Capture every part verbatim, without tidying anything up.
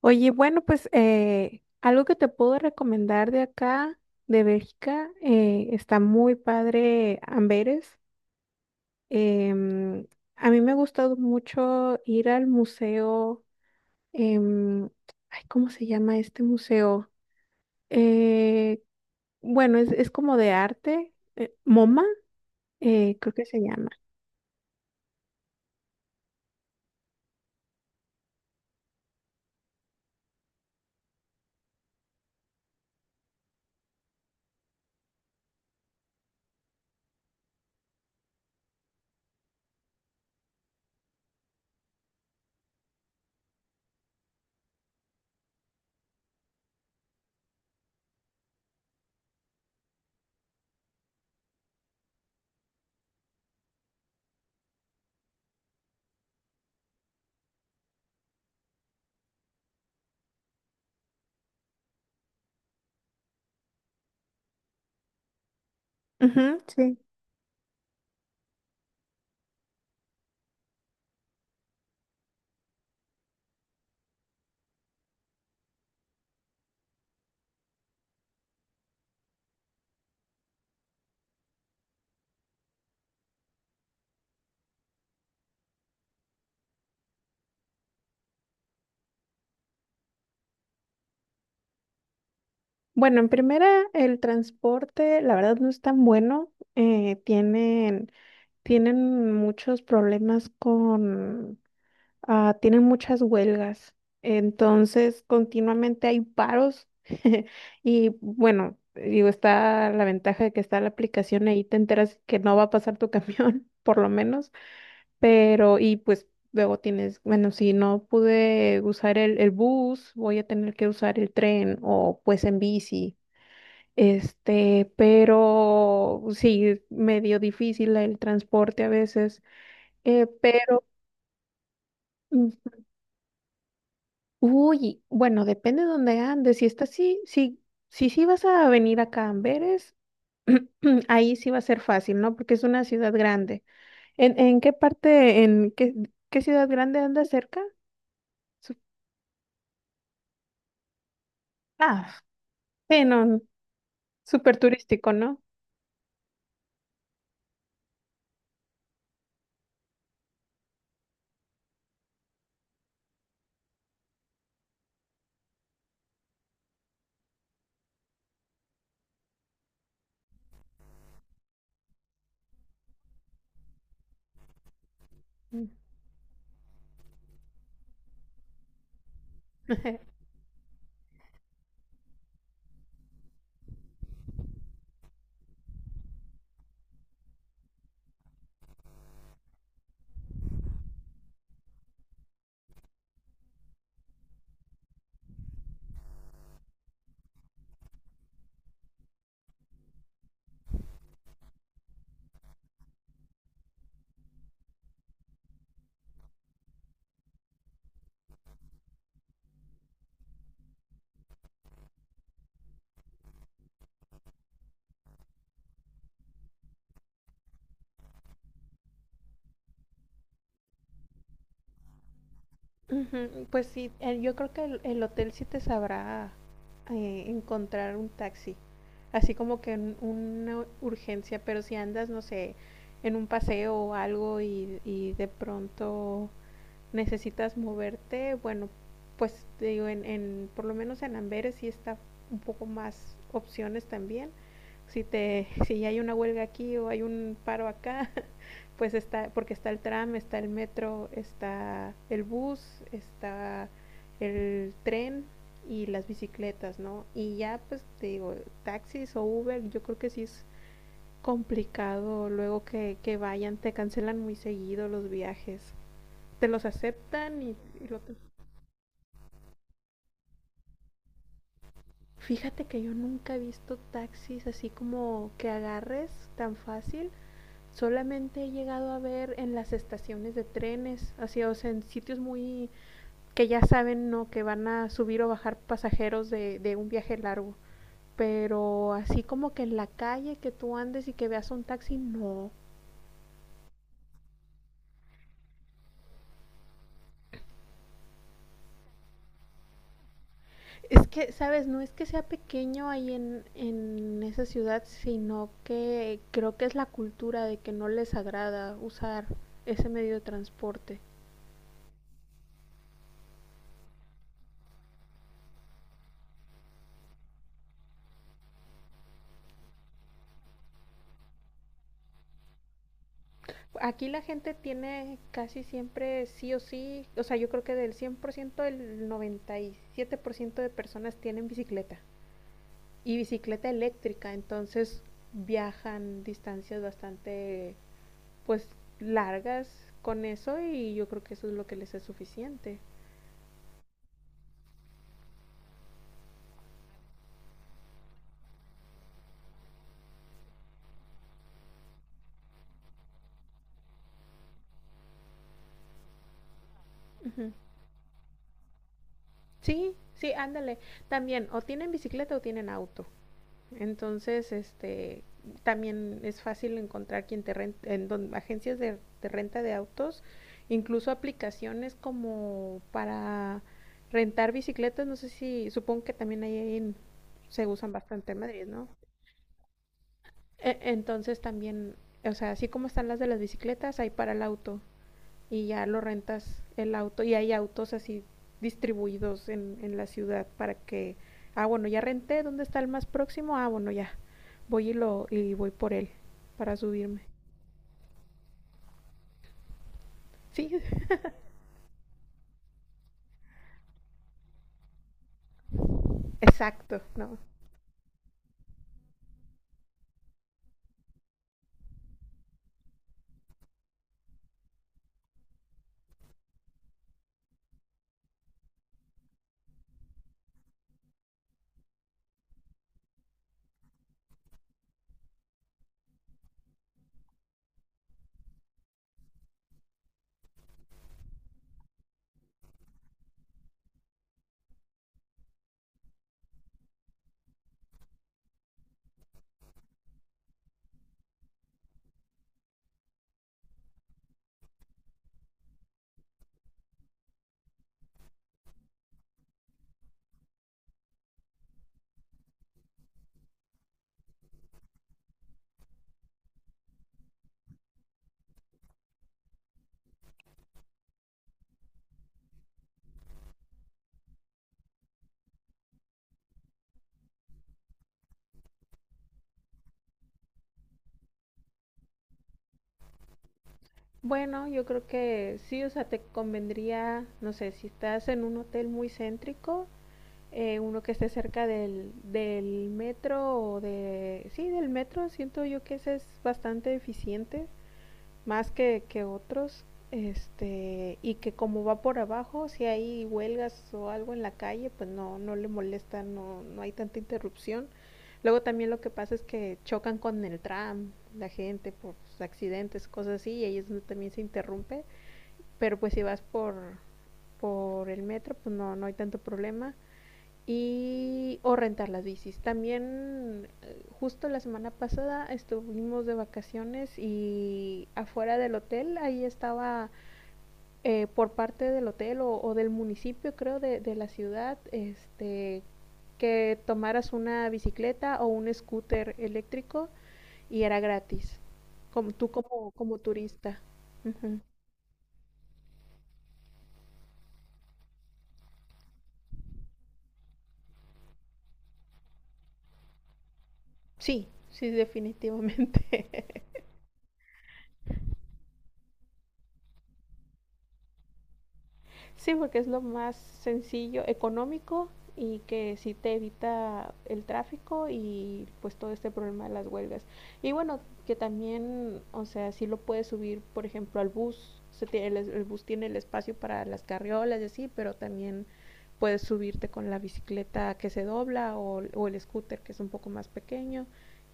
Oye, bueno, pues eh, algo que te puedo recomendar de acá, de Bélgica, eh, está muy padre Amberes. Em, a mí me ha gustado mucho ir al museo, em, ay, ¿cómo se llama este museo? Eh, bueno, es, es como de arte, eh, MoMA, eh, creo que se llama. Ujú, sí. Bueno, en primera, el transporte, la verdad no es tan bueno. eh, tienen tienen muchos problemas con, ah, tienen muchas huelgas, entonces continuamente hay paros y bueno, digo, está la ventaja de que está la aplicación ahí, te enteras que no va a pasar tu camión, por lo menos, pero y pues luego tienes, bueno, si no pude usar el, el bus, voy a tener que usar el tren o pues en bici. Este, pero sí, medio difícil el transporte a veces. Eh, pero, mm, uy, bueno, depende de dónde andes. Si estás, sí, sí, sí, sí vas a venir acá a Amberes, ahí sí va a ser fácil, ¿no? Porque es una ciudad grande. ¿En, en qué parte, en qué, qué ciudad grande andas cerca? Su- Ah, sí, no, súper turístico, ¿no? Mm. Ujú, pues sí, eh, yo creo que el, el hotel sí te sabrá eh, encontrar un taxi. Así como que en una urgencia, pero si andas, no sé, en un paseo o algo y, y de pronto necesitas moverte, bueno, pues te digo, en, en, por lo menos en Amberes sí está un poco más opciones también. Si, te, si hay una huelga aquí o hay un paro acá, pues está, porque está el tram, está el metro, está el bus, está el tren y las bicicletas, ¿no? Y ya, pues te digo, taxis o Uber, yo creo que sí es complicado luego que, que vayan, te cancelan muy seguido los viajes, te los aceptan y, y lo te... Fíjate que yo nunca he visto taxis así como que agarres tan fácil. Solamente he llegado a ver en las estaciones de trenes, así, o sea, en sitios muy que ya saben ¿no? que van a subir o bajar pasajeros de, de un viaje largo. Pero así como que en la calle que tú andes y que veas un taxi, no. Es que, ¿sabes? No es que sea pequeño ahí en, en esa ciudad, sino que creo que es la cultura de que no les agrada usar ese medio de transporte. Aquí la gente tiene casi siempre sí o sí, o sea, yo creo que del cien por ciento el noventa y siete por ciento de personas tienen bicicleta. Y bicicleta eléctrica, entonces viajan distancias bastante pues largas con eso y yo creo que eso es lo que les es suficiente. Ujú. Sí, sí, ándale. También o tienen bicicleta o tienen auto. Entonces, este, también es fácil encontrar quien te ren- en don- agencias de, de renta de autos, incluso aplicaciones como para rentar bicicletas, no sé si, supongo que también ahí en- se usan bastante en Madrid, ¿no? E- Entonces también, o sea, así como están las de las bicicletas, hay para el auto y ya lo rentas el auto y hay autos así distribuidos en, en la ciudad para que, ah, bueno, ya renté, ¿dónde está el más próximo? Ah, bueno, ya, voy y, lo, y voy por él para subirme. Sí, exacto, ¿no? Bueno, yo creo que sí, o sea, te convendría, no sé, si estás en un hotel muy céntrico, eh, uno que esté cerca del, del metro o de... Sí, del metro, siento yo que ese es bastante eficiente, más que, que otros. Este, y que como va por abajo, si hay huelgas o algo en la calle, pues no, no le molesta, no, no hay tanta interrupción. Luego también lo que pasa es que chocan con el tram, la gente por accidentes, cosas así, y ahí es donde también se interrumpe. Pero pues si vas por, por el metro, pues no, no hay tanto problema y o rentar las bicis. También eh, justo la semana pasada estuvimos de vacaciones y afuera del hotel, ahí estaba eh, por parte del hotel o, o del municipio creo de, de la ciudad, este que tomaras una bicicleta o un scooter eléctrico y era gratis, como tú como, como turista. Ujú. Sí, sí, definitivamente. Sí, porque es lo más sencillo, económico y que sí te evita el tráfico y pues todo este problema de las huelgas. Y bueno, que también, o sea, sí lo puedes subir, por ejemplo, al bus. Se tiene, el, es- el bus tiene el espacio para las carriolas y así, pero también puedes subirte con la bicicleta que se dobla o, o el scooter que es un poco más pequeño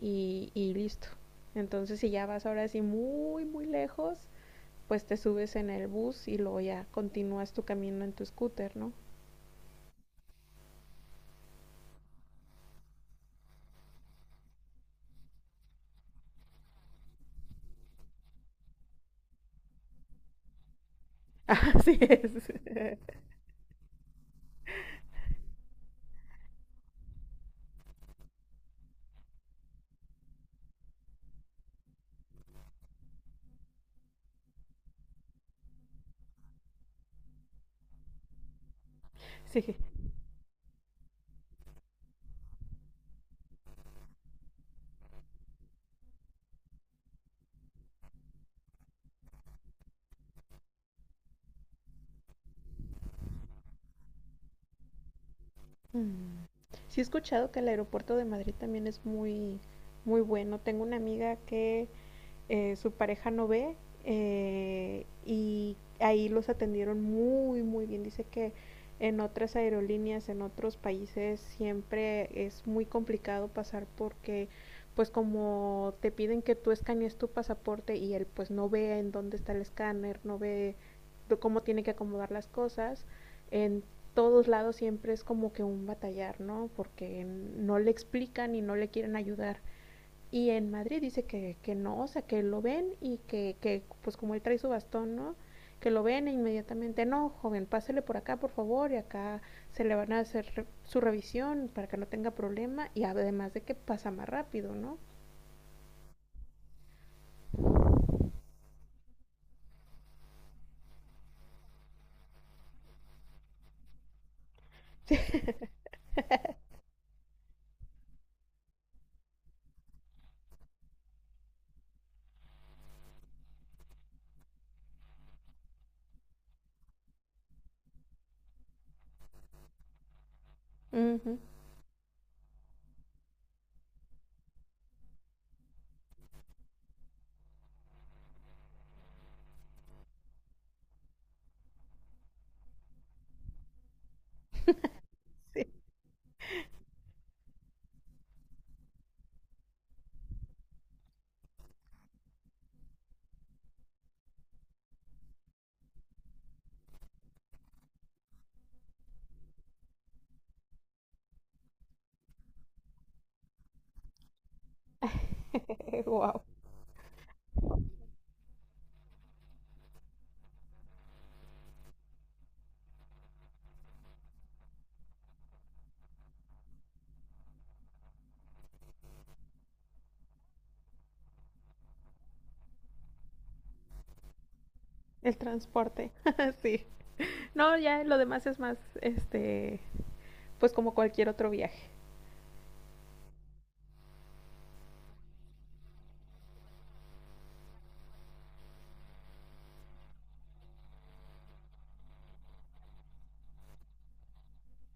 y, y listo. Entonces, si ya vas ahora sí muy, muy lejos, pues te subes en el bus y luego ya continúas tu camino en tu scooter, ¿no? Así es. Sí. Mm. Sí he escuchado que el aeropuerto de Madrid también es muy, muy bueno. Tengo una amiga que eh, su pareja no ve eh, y ahí los atendieron muy, muy bien. Dice que en otras aerolíneas, en otros países, siempre es muy complicado pasar porque pues como te piden que tú escanees tu pasaporte y él pues no ve en dónde está el escáner, no ve cómo tiene que acomodar las cosas, en todos lados siempre es como que un batallar, ¿no? Porque no le explican y no le quieren ayudar. Y en Madrid dice que, que no, o sea, que lo ven y que, que, pues como él trae su bastón, ¿no? Que lo ven e inmediatamente, no, joven, pásele por acá, por favor, y acá se le van a hacer re su revisión para que no tenga problema y además de que pasa más rápido, ¿no? Uh -huh. Sí, wow. El transporte, sí. No, ya lo demás es más, este, pues como cualquier otro viaje.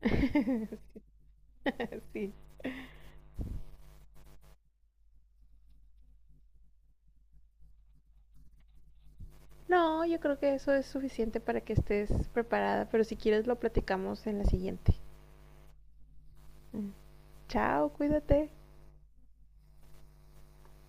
Sí. No, yo creo que eso es suficiente para que estés preparada, pero si quieres lo platicamos en la siguiente. Mm. Chao, cuídate.